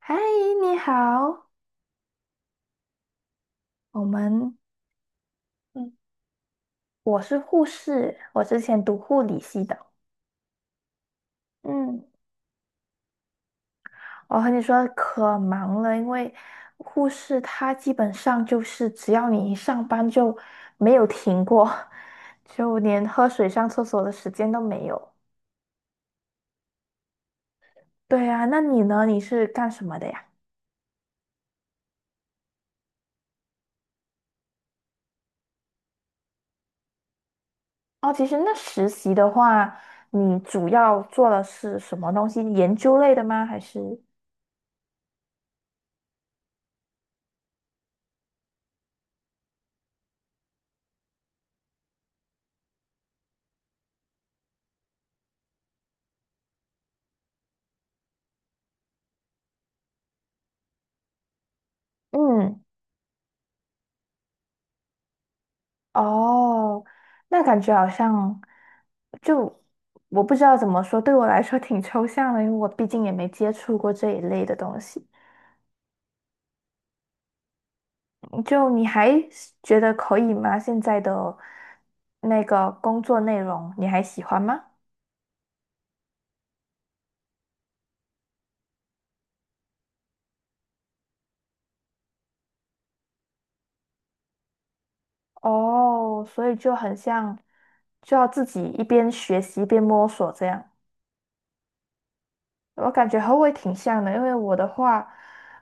嗨，你好，我们，嗯，我是护士，我之前读护理系的。嗯，我和你说可忙了，因为护士她基本上就是只要你一上班就没有停过，就连喝水上厕所的时间都没有。对啊，那你呢？你是干什么的呀？哦，其实那实习的话，你主要做的是什么东西？研究类的吗？还是？嗯。哦，那感觉好像就我不知道怎么说，对我来说挺抽象的，因为我毕竟也没接触过这一类的东西。嗯就你还是觉得可以吗？现在的那个工作内容你还喜欢吗？哦，所以就很像，就要自己一边学习一边摸索这样。我感觉和我也挺像的，因为我的话，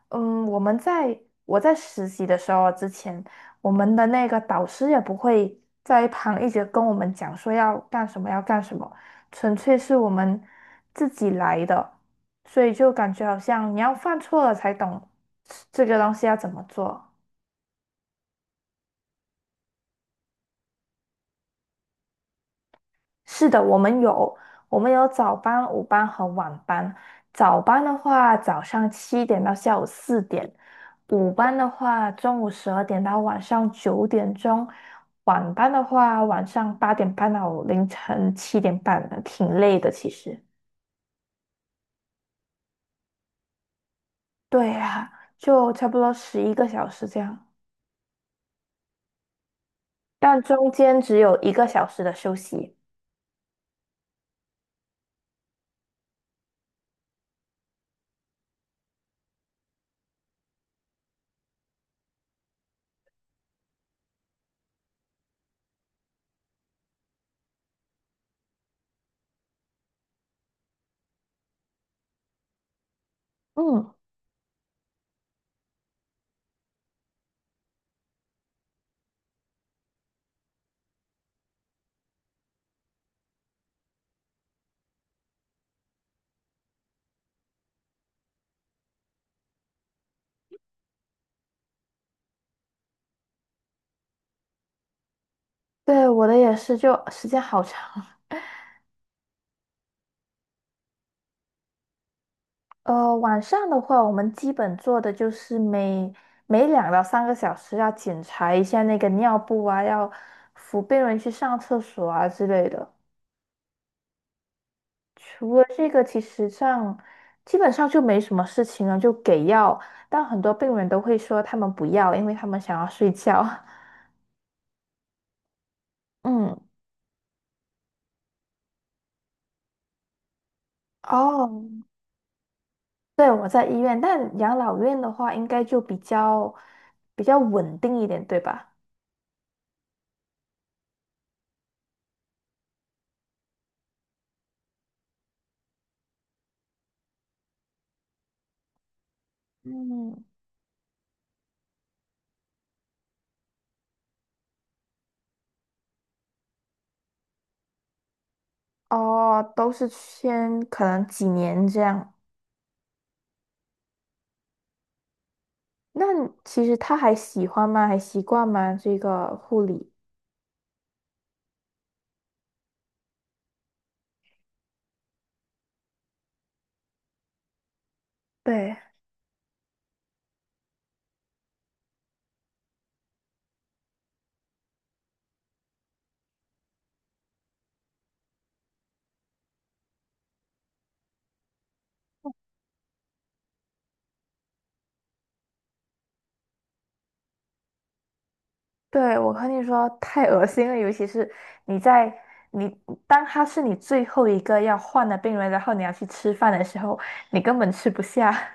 嗯，我们在我在实习的时候之前，我们的那个导师也不会在一旁一直跟我们讲说要干什么要干什么，纯粹是我们自己来的，所以就感觉好像你要犯错了才懂这个东西要怎么做。是的，我们有早班、午班和晚班。早班的话，早上7点到下午4点；午班的话，中午12点到晚上9点钟；晚班的话，晚上8点半到凌晨7点半的挺累的其实。对呀，就差不多11个小时这样，但中间只有一个小时的休息。嗯，对，我的也是，就时间好长。晚上的话，我们基本做的就是每2到3个小时要检查一下那个尿布啊，要扶病人去上厕所啊之类的。除了这个，其实上基本上就没什么事情了，就给药。但很多病人都会说他们不要，因为他们想要睡觉。嗯，哦，对，我在医院，但养老院的话，应该就比较稳定一点，对吧？嗯。哦，都是先可能几年这样。那其实他还喜欢吗？还习惯吗？这个护理？对，对，我和你说，太恶心了，尤其是你在你当他是你最后一个要换的病人，然后你要去吃饭的时候，你根本吃不下。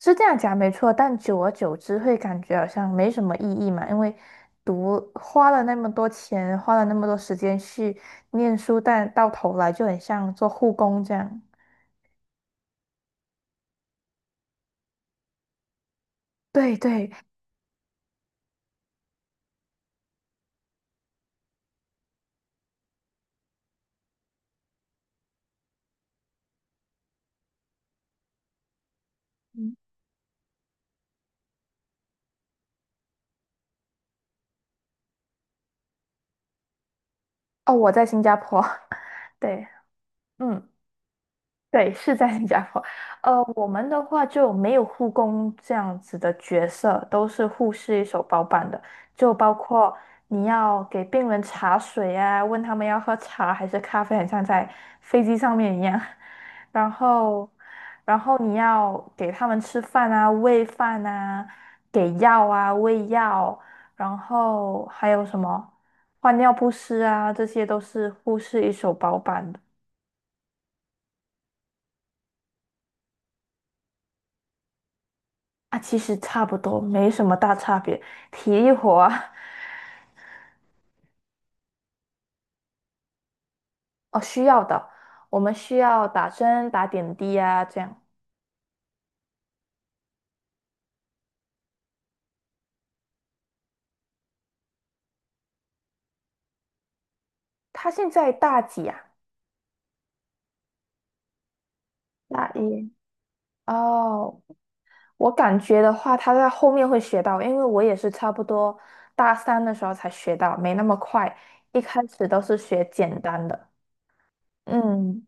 是这样讲没错，但久而久之会感觉好像没什么意义嘛，因为花了那么多钱，花了那么多时间去念书，但到头来就很像做护工这样。对对，嗯，哦，我在新加坡，对，嗯，对，是在新加坡。我们的话就没有护工这样子的角色，都是护士一手包办的，就包括你要给病人茶水啊，问他们要喝茶还是咖啡，很像在飞机上面一样。然后，你要给他们吃饭啊，喂饭啊，给药啊，喂药，然后还有什么换尿不湿啊，这些都是护士一手包办的。啊，其实差不多，没什么大差别。体力活啊，哦，需要的，我们需要打针、打点滴啊，这样。他现在大几啊？大一，哦，我感觉的话，他在后面会学到，因为我也是差不多大三的时候才学到，没那么快，一开始都是学简单的。嗯。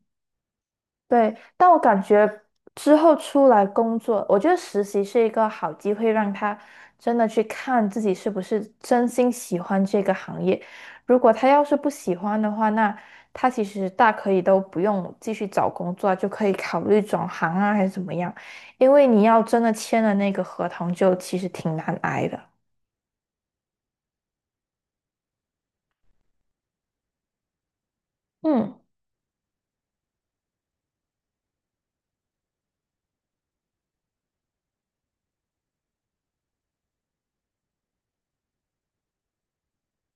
对，但我感觉之后出来工作，我觉得实习是一个好机会，让他真的去看自己是不是真心喜欢这个行业。如果他要是不喜欢的话，那他其实大可以都不用继续找工作啊就可以考虑转行啊，还是怎么样？因为你要真的签了那个合同，就其实挺难挨的。嗯，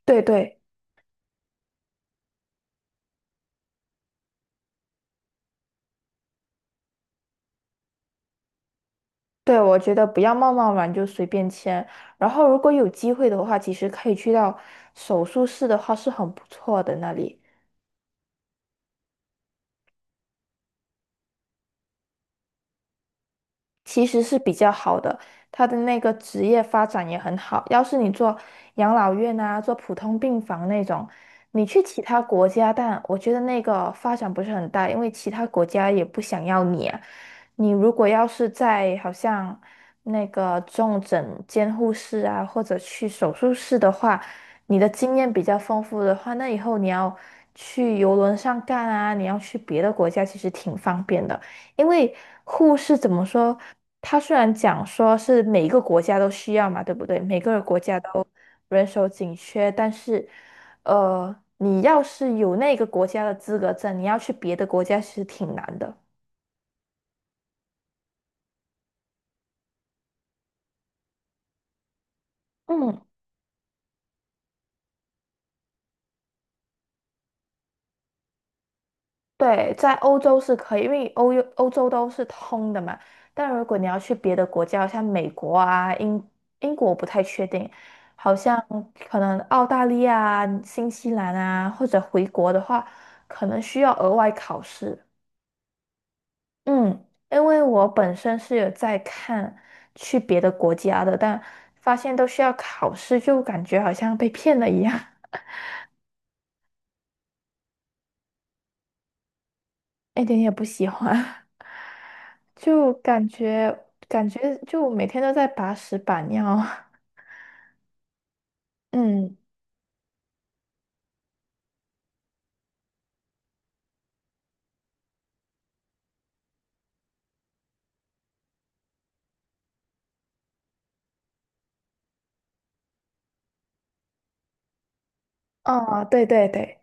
对对。对，我觉得不要贸贸然就随便签。然后，如果有机会的话，其实可以去到手术室的话是很不错的那里。其实是比较好的，他的那个职业发展也很好。要是你做养老院啊，做普通病房那种，你去其他国家，但我觉得那个发展不是很大，因为其他国家也不想要你啊。你如果要是在好像那个重症监护室啊，或者去手术室的话，你的经验比较丰富的话，那以后你要去游轮上干啊，你要去别的国家，其实挺方便的。因为护士怎么说？他虽然讲说是每一个国家都需要嘛，对不对？每个国家都人手紧缺，但是，你要是有那个国家的资格证，你要去别的国家其实挺难的。嗯。对，在欧洲是可以，因为欧洲都是通的嘛。但如果你要去别的国家，像美国啊、英国，不太确定，好像可能澳大利亚啊、新西兰啊，或者回国的话，可能需要额外考试。嗯，因为我本身是有在看去别的国家的，但发现都需要考试，就感觉好像被骗了一样，一点也不喜欢。就感觉就每天都在把屎把尿啊。嗯，哦，对对对，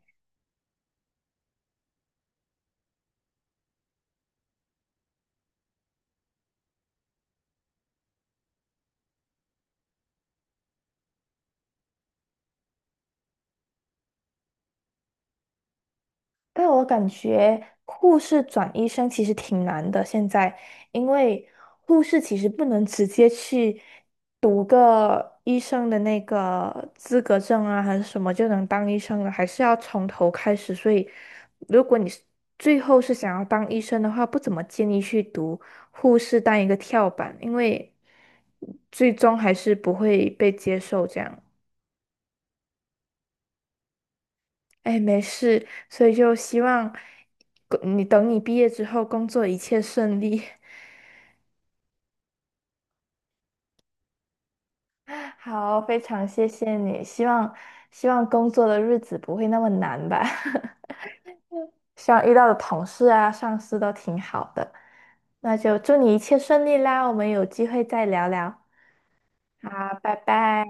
但我感觉护士转医生其实挺难的，现在，因为护士其实不能直接去读个医生的那个资格证啊，还是什么就能当医生了，还是要从头开始。所以，如果你是最后是想要当医生的话，不怎么建议去读护士当一个跳板，因为最终还是不会被接受这样。哎，没事，所以就希望你等你毕业之后工作一切顺利。好，非常谢谢你，希望工作的日子不会那么难吧，希望遇到的同事啊、上司都挺好的。那就祝你一切顺利啦，我们有机会再聊聊。好，拜拜。